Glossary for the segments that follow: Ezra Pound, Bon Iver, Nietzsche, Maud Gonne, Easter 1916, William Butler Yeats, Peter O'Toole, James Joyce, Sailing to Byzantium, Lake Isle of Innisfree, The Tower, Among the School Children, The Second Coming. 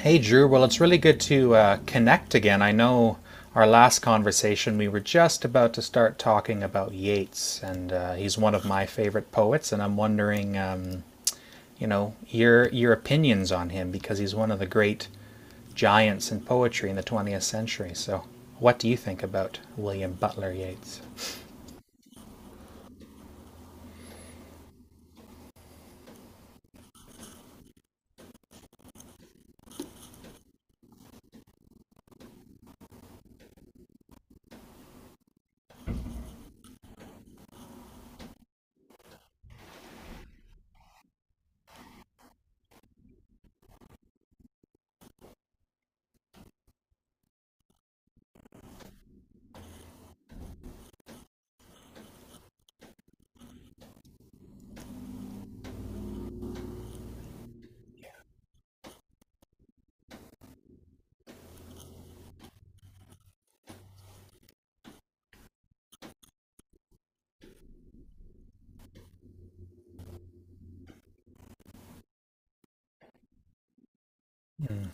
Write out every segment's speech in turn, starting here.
Hey, Drew. Well, it's really good to connect again. I know our last conversation, we were just about to start talking about Yeats, and he's one of my favorite poets. And I'm wondering, your opinions on him because he's one of the great giants in poetry in the 20th century. So, what do you think about William Butler Yeats? Mm.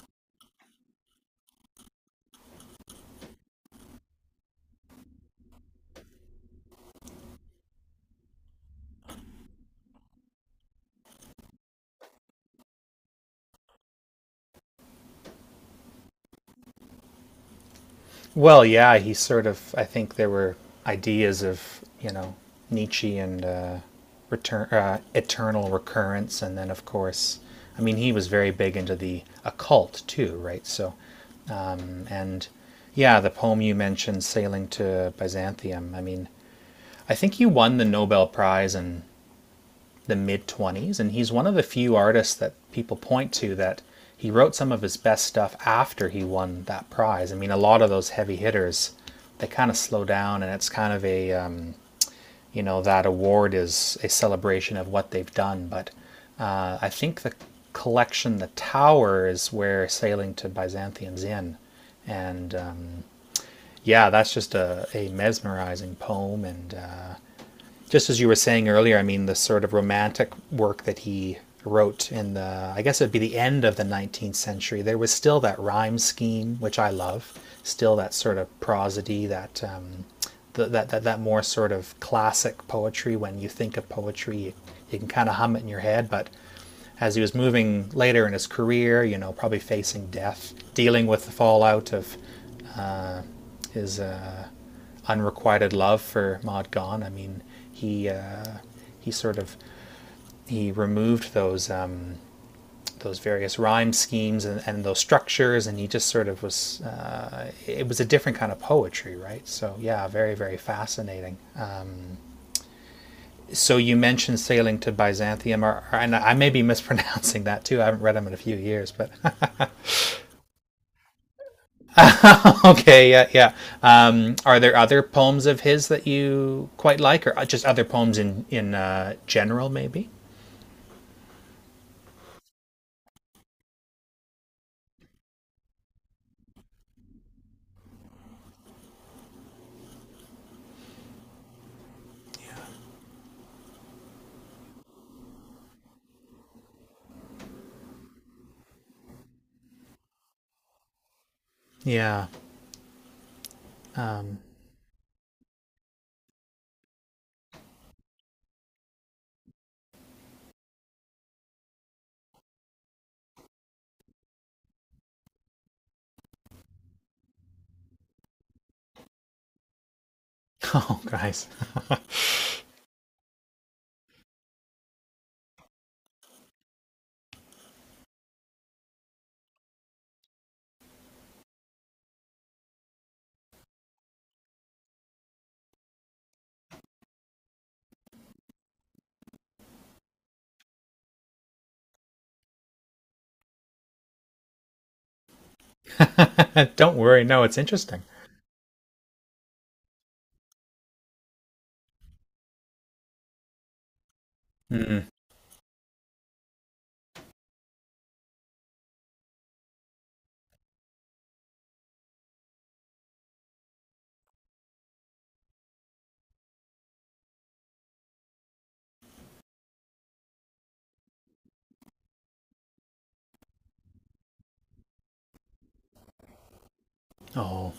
Well, yeah, he sort of. I think there were ideas of you know Nietzsche and return eternal recurrence, and then of course, I mean, he was very big into the occult too, right? So and Yeah, the poem you mentioned, "Sailing to Byzantium." I mean, I think he won the Nobel Prize in the mid 20s, and he's one of the few artists that people point to that he wrote some of his best stuff after he won that prize. I mean, a lot of those heavy hitters, they kind of slow down, and it's kind of a, you know, that award is a celebration of what they've done. But I think the collection, The Tower, is where Sailing to Byzantium's in. And Yeah, that's just a mesmerizing poem, and just as you were saying earlier, I mean, the sort of romantic work that he wrote in the, I guess it'd be the end of the 19th century, there was still that rhyme scheme, which I love, still that sort of prosody, that. Th that, that, that more sort of classic poetry. When you think of you can kind of hum it in your head, but as he was moving later in his career, you know, probably facing death, dealing with the fallout of his unrequited love for Maud Gonne. I mean, he uh, he he removed those various rhyme schemes, and those structures, and he just sort of was it was a different kind of poetry, right? So yeah, very very fascinating. So you mentioned sailing to Byzantium, and I may be mispronouncing that too. I haven't read him in a few years, but okay, yeah, yeah. Are there other poems of his that you quite like, or just other poems in general, maybe? Yeah. Um. Oh, guys. Don't worry. No, it's interesting. Mm. Oh,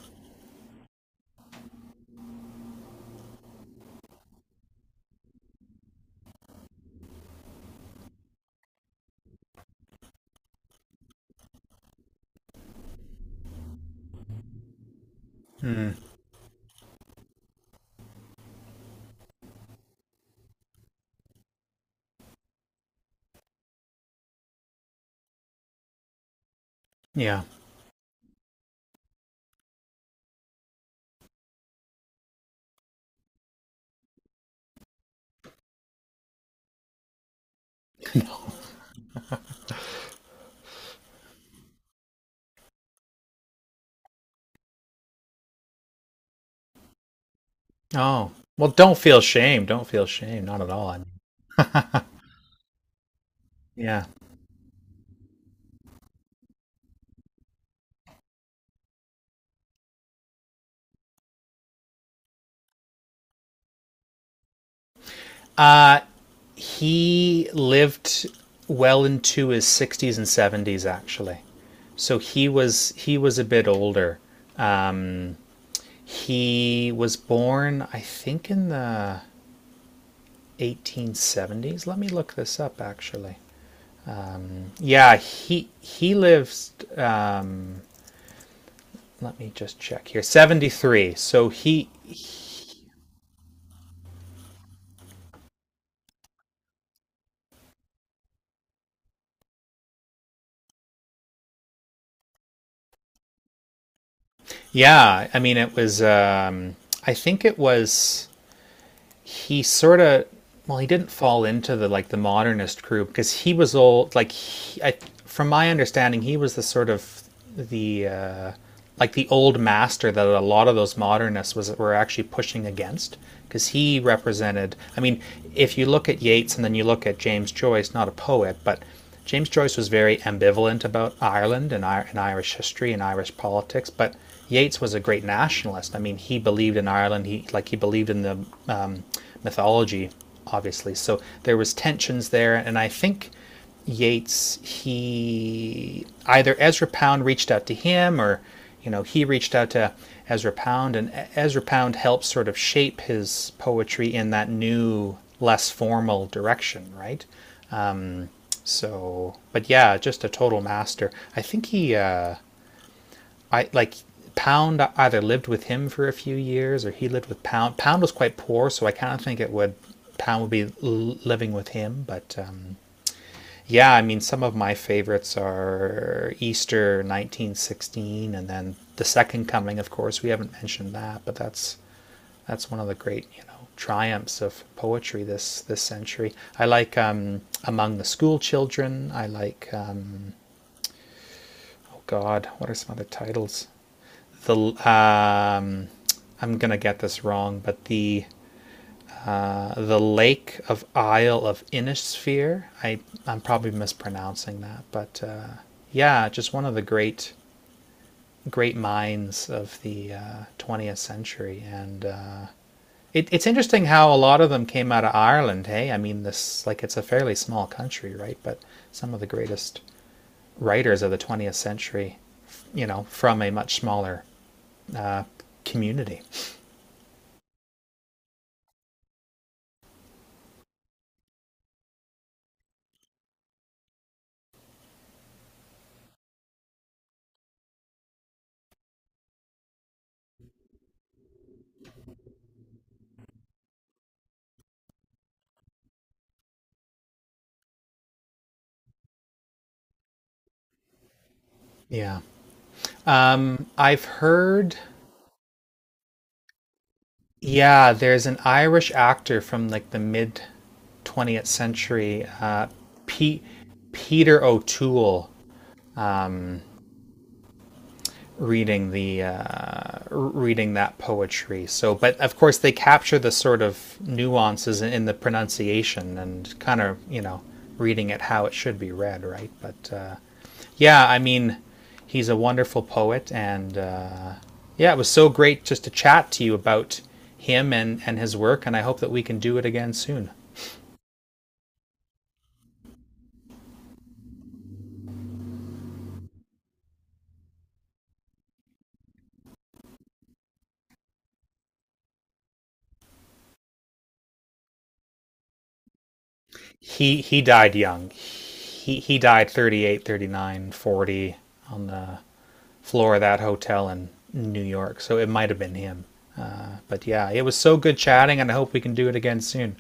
mm. Yeah. Oh, well, don't feel shame. Don't feel shame. Not at all. I mean, yeah. Uh, he lived well into his 60s and 70s, actually. So he was a bit older. Um, he was born, I think, in the 1870s. Let me look this up, actually. Yeah, he lived. Let me just check here. 73, so he yeah, I mean, it was I think it was he sort of well he didn't fall into the modernist crew because he was old like he, I, from my understanding he was the sort of the like the old master that a lot of those modernists was were actually pushing against because he represented. I mean, if you look at Yeats and then you look at James Joyce, not a poet, but James Joyce was very ambivalent about Ireland, and Irish history and Irish politics, but Yeats was a great nationalist. I mean, he believed in Ireland. He believed in the um, mythology, obviously. So there was tensions there, and I think Yeats he either Ezra Pound reached out to him, or he reached out to Ezra Pound, and Ezra Pound helped sort of shape his poetry in that new, less formal direction, right? So, but yeah, just a total master. I like Pound either lived with him for a few years, or he lived with Pound. Pound was quite poor, so I kind of think it would. Pound would be living with him. But Yeah, I mean, some of my favorites are Easter 1916, and then the Second Coming. Of course, we haven't mentioned that, but that's one of the great triumphs of poetry this century. I like Among the School Children. I like. God, what are some other titles? The I'm gonna get this wrong, but the Lake of Isle of Innisphere. I'm probably mispronouncing that, but yeah, just one of the great great minds of the 20th century, and it's interesting how a lot of them came out of Ireland. Hey, I mean this, like, it's a fairly small country, right? But some of the greatest writers of the 20th century, you know, from a much smaller uh, community. Yeah. Um, I've heard, yeah, there's an Irish actor from like the mid 20th century, Pete, Peter O'Toole, reading the reading that poetry. So, but of course, they capture the sort of nuances in the pronunciation and kind of reading it how it should be read, right? But yeah, I mean, he's a wonderful poet, and yeah, it was so great just to chat to you about him and his work, and I hope that we can do it again soon. He died young. He died 38, 39, 40 on the floor of that hotel in New York. So it might have been him. But yeah, it was so good chatting, and I hope we can do it again soon.